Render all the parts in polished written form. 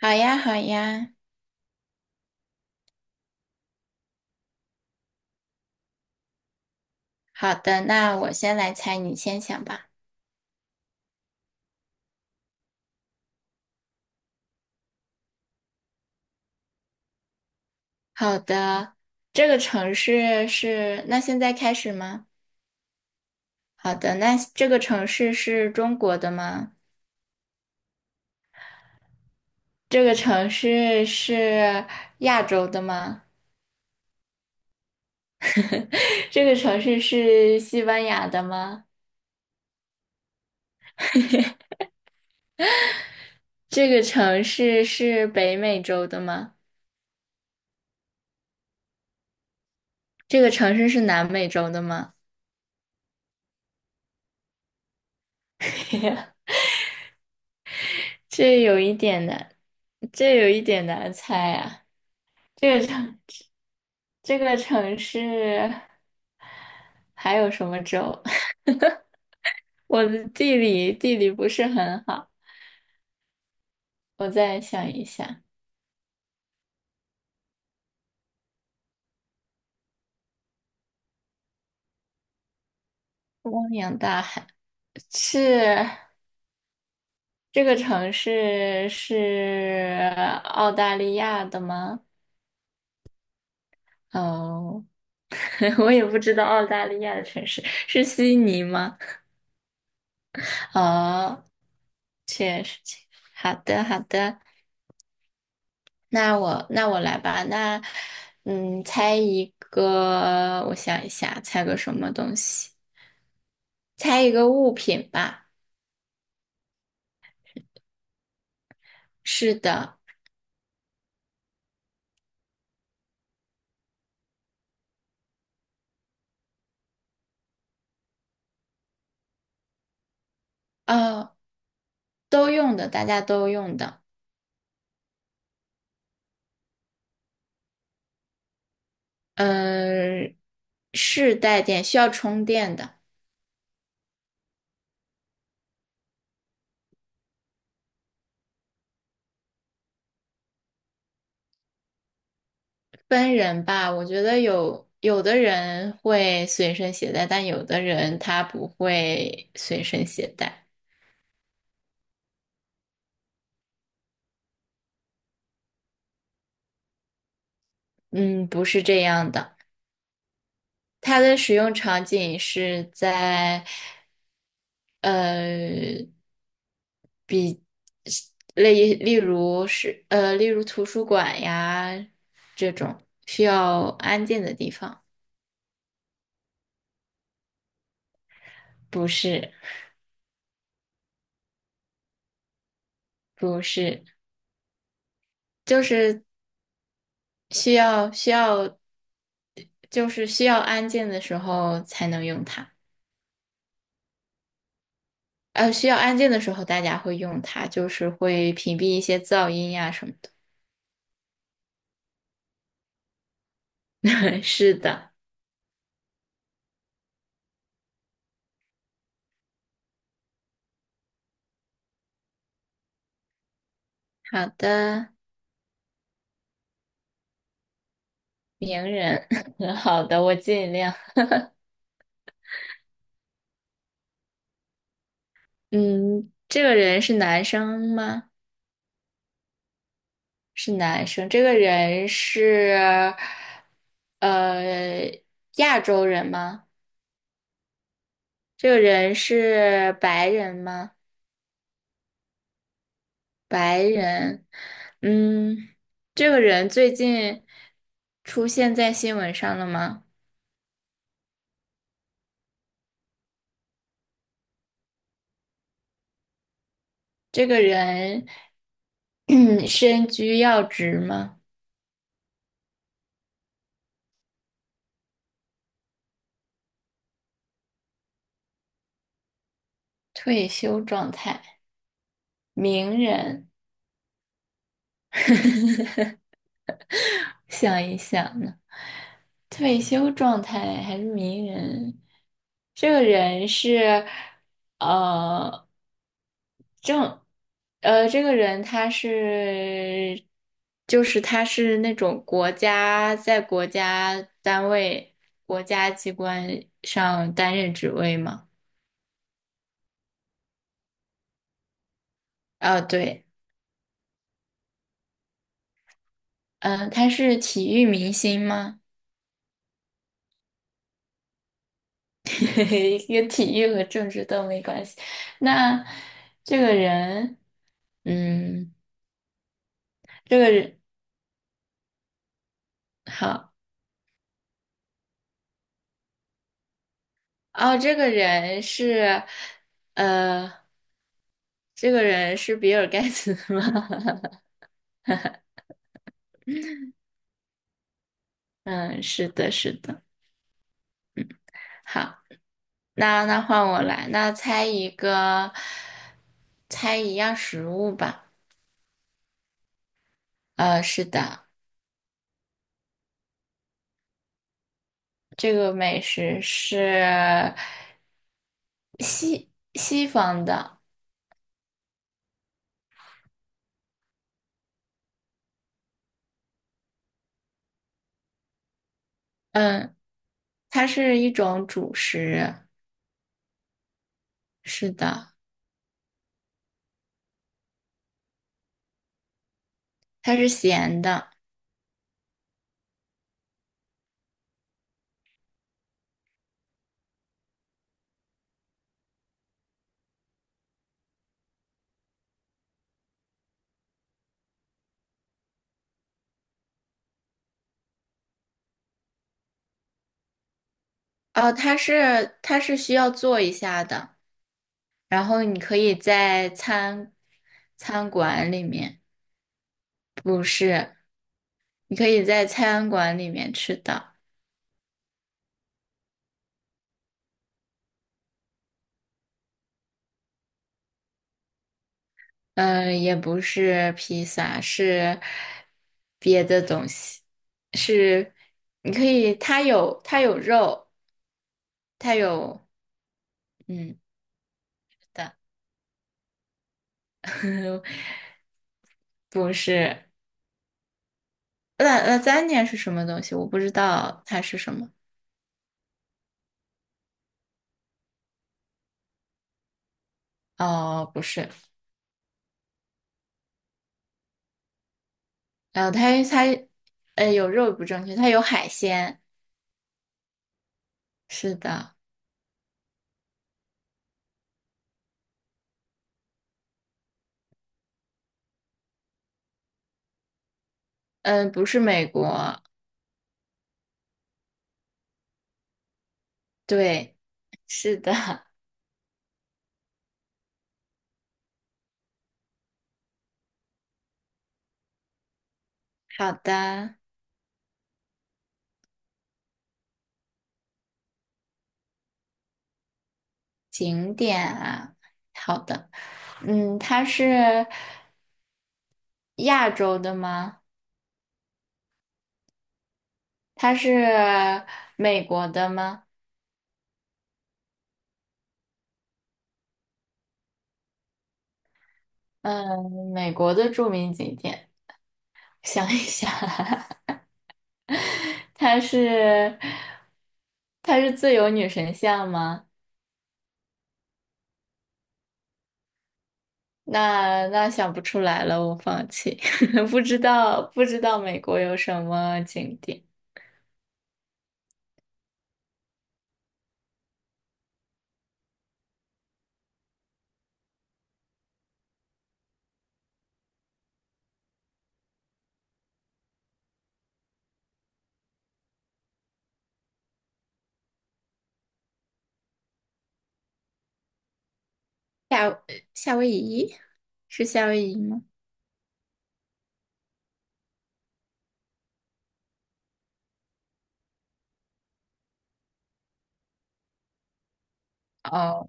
好呀，好呀。好的，那我先来猜，你先想吧。好的，这个城市是，那现在开始吗？好的，那这个城市是中国的吗？这个城市是亚洲的吗？这个城市是西班牙的吗？这个城市是北美洲的吗？这个城市是南美洲的吗？这有一点难，这有一点难猜啊。这个城。这个城市还有什么州？我的地理不是很好，我再想一下。汪洋大海是这个城市是澳大利亚的吗？哦，我也不知道澳大利亚的城市是悉尼吗？哦，确实，确实。好的，好的，那我来吧。那猜一个，我想一下，猜个什么东西？猜一个物品吧。是的。呃，都用的，大家都用的。嗯，是带电，需要充电的。分人吧，我觉得有的人会随身携带，但有的人他不会随身携带。嗯，不是这样的。它的使用场景是在，呃，例如图书馆呀，需要安静的地方。不是。不是。就是需要需要，就是需要安静的时候才能用它。需要安静的时候大家会用它，就是会屏蔽一些噪音呀、什么的。是的。好的。名人，好的，我尽量。嗯，这个人是男生吗？是男生。这个人是，呃，亚洲人吗？这个人是白人吗？白人，嗯，这个人最近出现在新闻上了吗？这个人 身居要职吗？退休状态，名人，想一想呢，退休状态还是名人？这个人是，呃。正，这个人他是，就是他是那种国家在国家单位、国家机关上担任职位吗？哦，对。嗯、他是体育明星吗？跟体育和政治都没关系。那这个人，嗯，这个人。好。哦，这个人是，呃，这个人是比尔盖茨吗？嗯，是的，是的。好，那换我来，那猜一个，猜一样食物吧。是的。这个美食是，嗯，它是一种主食。是的，它是咸的。哦，它是需要做一下的，然后你可以在餐馆里面，不是，你可以在餐馆里面吃的。嗯，也不是披萨，是别的东西，是你可以，它有肉，它有嗯的，不是，那那 l a s a a 是什么东西？我不知道它是什么。哦，不是，它有肉不正确，它有海鲜，是的。嗯、不是美国。对，是的。好的。景点啊，好的。嗯，它是，亚洲的吗？它是美国的吗？嗯，美国的著名景点，想一想，它是自由女神像吗？那那想不出来了，我放弃，不知道美国有什么景点。夏夏威夷是夏威夷吗？哦。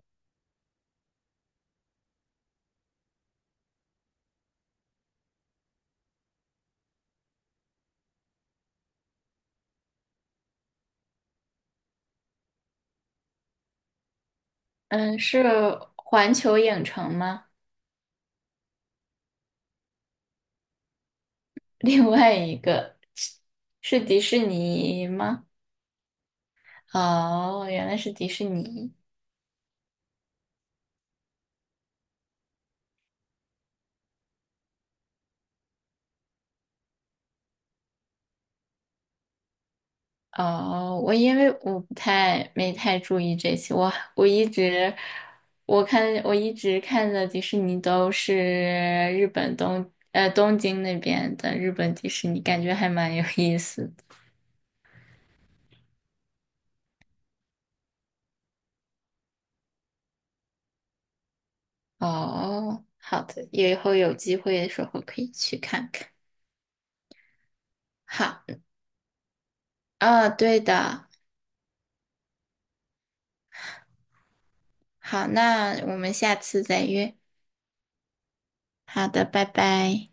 嗯，是环球影城吗？另外一个是是迪士尼吗？哦，原来是迪士尼。哦，我因为我不太没太注意这些，我一直，我看我一直看的迪士尼都是日本东京那边的日本迪士尼，感觉还蛮有意思的。哦，好的，以后有机会的时候可以去看看。好。哦，对的。好，那我们下次再约。好的，拜拜。